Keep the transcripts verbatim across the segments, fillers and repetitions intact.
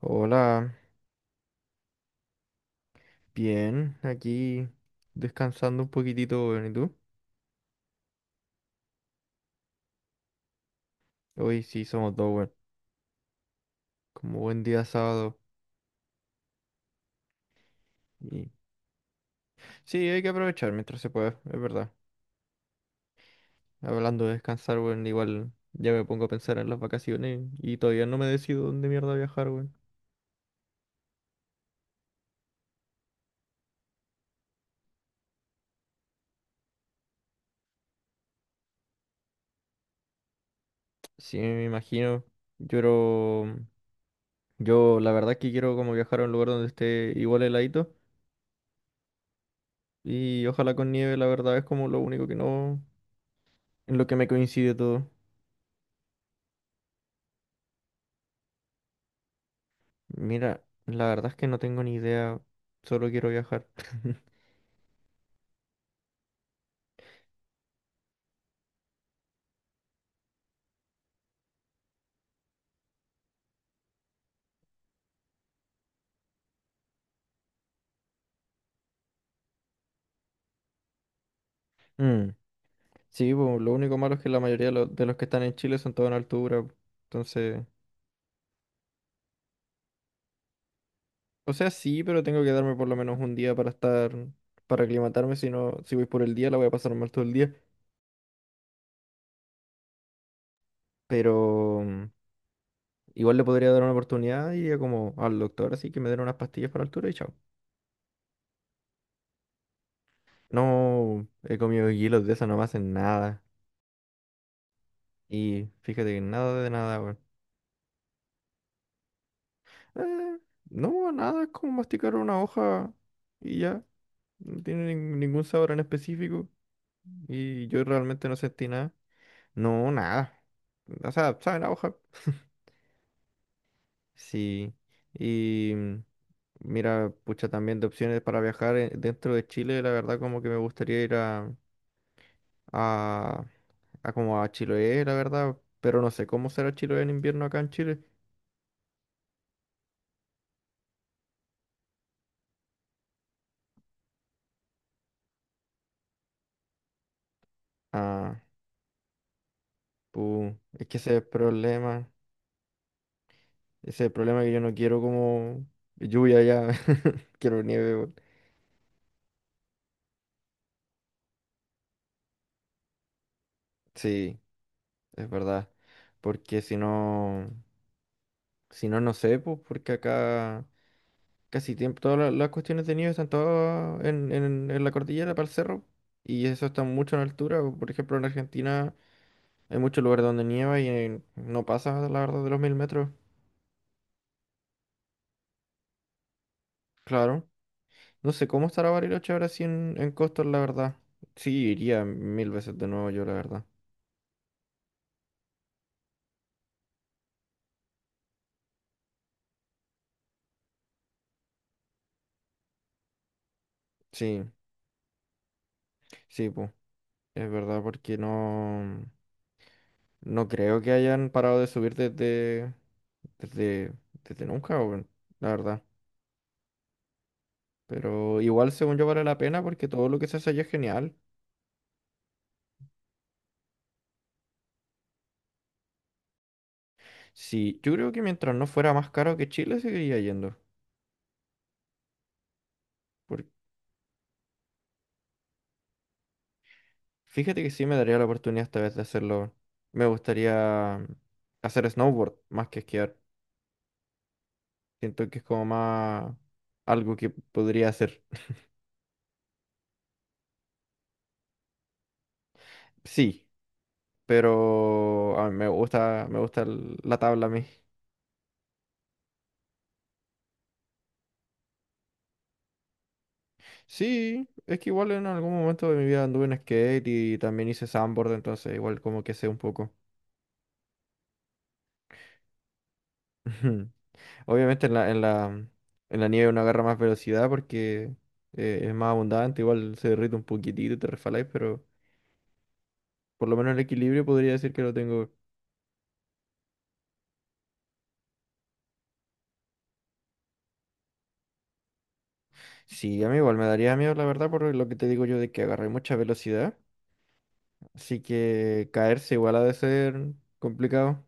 Hola, bien, aquí descansando un poquitito, weón, ¿y tú? Hoy sí somos dos, weón, como buen día sábado. Y... Sí, hay que aprovechar mientras se pueda, es verdad. Hablando de descansar, weón, igual ya me pongo a pensar en las vacaciones y todavía no me decido dónde mierda viajar, weón. Sí, me imagino. Yo, creo- yo la verdad es que quiero como viajar a un lugar donde esté igual heladito y ojalá con nieve, la verdad es como lo único que no, en lo que me coincide todo. Mira, la verdad es que no tengo ni idea, solo quiero viajar. Mm, sí, pues, lo único malo es que la mayoría de lo- de los que están en Chile son todos en altura. Entonces, o sea, sí, pero tengo que darme por lo menos un día para estar, para aclimatarme. Si no, si voy por el día, la voy a pasar mal todo el día. Pero mm, igual le podría dar una oportunidad y iría como al doctor, así que me den unas pastillas para altura y chao. No he comido hielos de eso, no me hacen nada. Y fíjate que nada de nada, weón. Eh, no, nada, es como masticar una hoja y ya. No tiene nin- ningún sabor en específico. Y yo realmente no sentí nada. No, nada. O sea, sabe la hoja. Sí. Y mm, mira, pucha, también de opciones para viajar eh, dentro de Chile, la verdad como que me gustaría ir a, a, a como a Chiloé, la verdad. Pero no sé cómo será Chiloé en invierno acá en Chile. Ah, pu, es que ese es el problema. Ese es el problema que yo no quiero como lluvia ya. Quiero nieve, weón. Sí, es verdad. Porque si no, si no, no sé, pues porque acá casi tiempo, todas la- las cuestiones de nieve están todas en, en- en la cordillera para el cerro. Y eso está mucho en altura. Por ejemplo, en Argentina hay muchos lugares donde nieva y eh, no pasa, la verdad, de los mil metros. Claro. No sé cómo estará Bariloche ahora sí en, en costas, la verdad. Sí, iría mil veces de nuevo yo, la verdad. Sí, sí, pues. Es verdad, porque no, no creo que hayan parado de subir desde, desde, desde nunca, weón, la verdad. Pero igual, según yo, vale la pena porque todo lo que se hace allá es genial. Sí, yo creo que mientras no fuera más caro que Chile, seguiría yendo. Por- Fíjate que sí me daría la oportunidad esta vez de hacerlo. Me gustaría hacer snowboard más que esquiar. Siento que es como más algo que podría hacer. Sí, pero a mí me gusta, me gusta el- la tabla a mí. Sí, es que igual en algún momento de mi vida anduve en skate y también hice sandboard, entonces igual como que sé un poco. Obviamente en la, en la, en la nieve uno agarra más velocidad porque eh, es más abundante, igual se derrite un poquitito y te resbaláis, pero por lo menos el equilibrio podría decir que lo tengo. Sí, a mí igual me daría miedo, la verdad, por lo que te digo yo de que agarré mucha velocidad, así que caerse igual ha de ser complicado.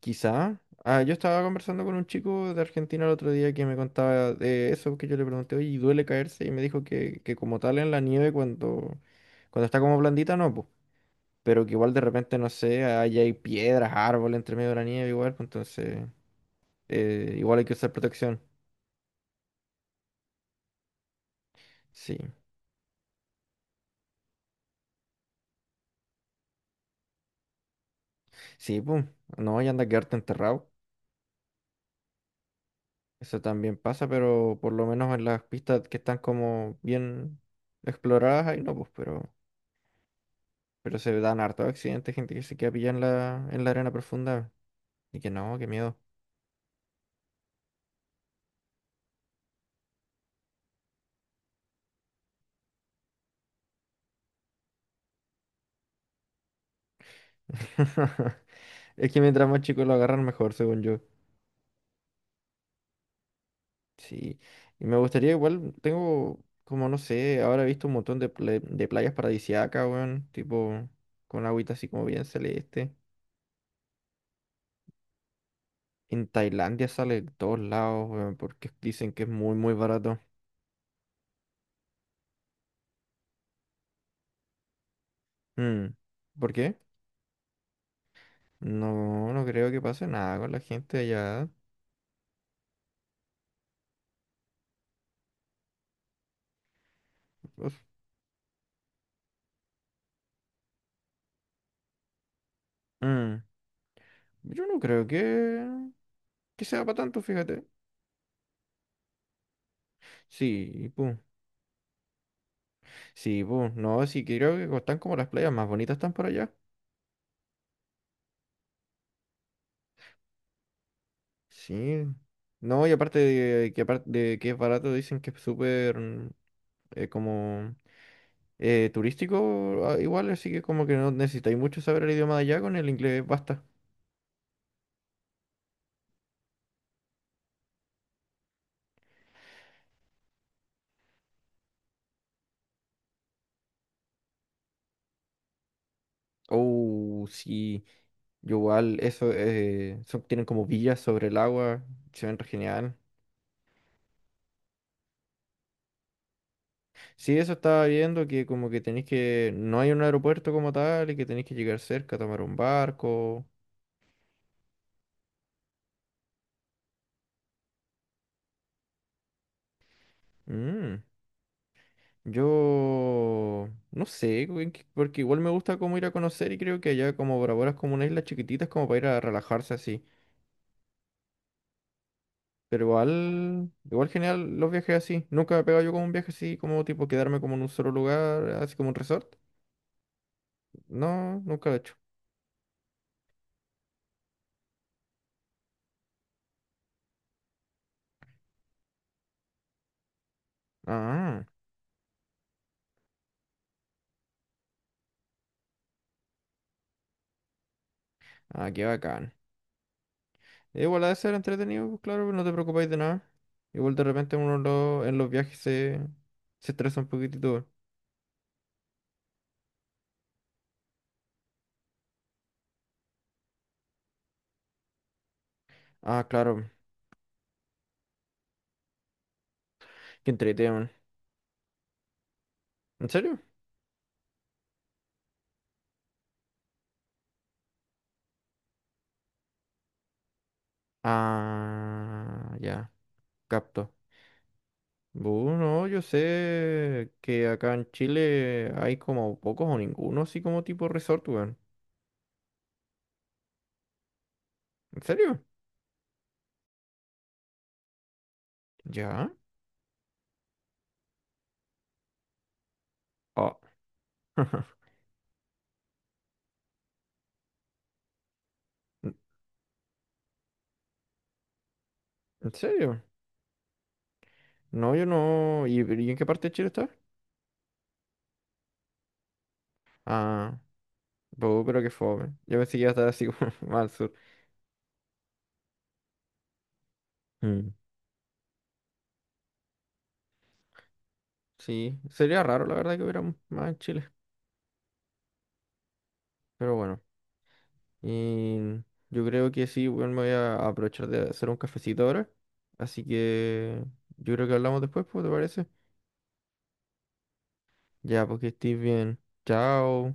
Quizá. Ah, yo estaba conversando con un chico de Argentina el otro día que me contaba de eso, que yo le pregunté, oye, ¿y duele caerse? Y me dijo que, que como tal en la nieve cuando, cuando está como blandita, no, pues. Pero que igual de repente, no sé, ahí hay piedras, árboles entre medio de la nieve igual, pues entonces eh, igual hay que usar protección. Sí, sí, pues, no, y anda a quedarte enterrado. Eso también pasa, pero por lo menos en las pistas que están como bien exploradas, ahí no, pues, pero... Pero se dan hartos accidentes, gente que se queda pillada en la, en la arena profunda. Y que no, qué miedo. Es que mientras más chicos lo agarran, mejor, según yo. Sí. Y me gustaría, igual, tengo, como no sé, ahora he visto un montón de, pla- de playas paradisíacas, weón. Tipo, con agüita así como bien celeste. En Tailandia sale de todos lados, weón, porque dicen que es muy, muy barato. Mm. ¿Por qué? No, no creo que pase nada con la gente allá. Pues, mm, yo no creo que. Que sea para tanto, fíjate. Sí, pum. Sí, pum. No, sí, creo que co- están como las playas más bonitas están por allá. Sí. No, y aparte de que, aparte de que es barato, dicen que es súper mm, eh, como eh, turístico ah, igual, así que como que no necesitáis mucho saber el idioma de allá, con el inglés basta. Oh, sí. Yo igual, eso, eh, son- tienen como villas sobre el agua, se ven re genial. Sí, eso estaba viendo que como que tenéis que... No hay un aeropuerto como tal y que tenéis que llegar cerca, tomar un barco. Mm, yo... No sé, en qué- porque igual me gusta como ir a conocer y creo que allá como Bora Bora es como una isla chiquitita, es como para ir a relajarse así. Pero igual... Igual genial los viajes así. Nunca me he pegado yo como un viaje así, como tipo quedarme como en un solo lugar, así como un resort. No, nunca lo he hecho. Ah, ah, qué bacán. Igual ha de ser entretenido, pues, claro, pues, no te preocupáis de nada. Igual de repente uno lo- en los viajes se, se estresa un poquitito, weón. Ah, claro, que entretenido, weón. ¿En serio? Ah, ya, capto. Bueno, yo sé que acá en Chile hay como pocos o ninguno así como tipo resort, weón. ¿En serio? ¿Ya? Ah, ¿En en serio? No, yo no. ¿Y, y en qué parte de Chile está? Ah, bu, pero qué fome. Yo pensé que iba a estar así como más al sur. Mm. Sí, sería raro la verdad que hubiera m- más en Chile, pero bueno. Y yo creo que sí, bueno, me voy a aprovechar de hacer un cafecito ahora. Así que yo creo que hablamos después, pues, ¿te parece? Ya, porque estés bien. Chao.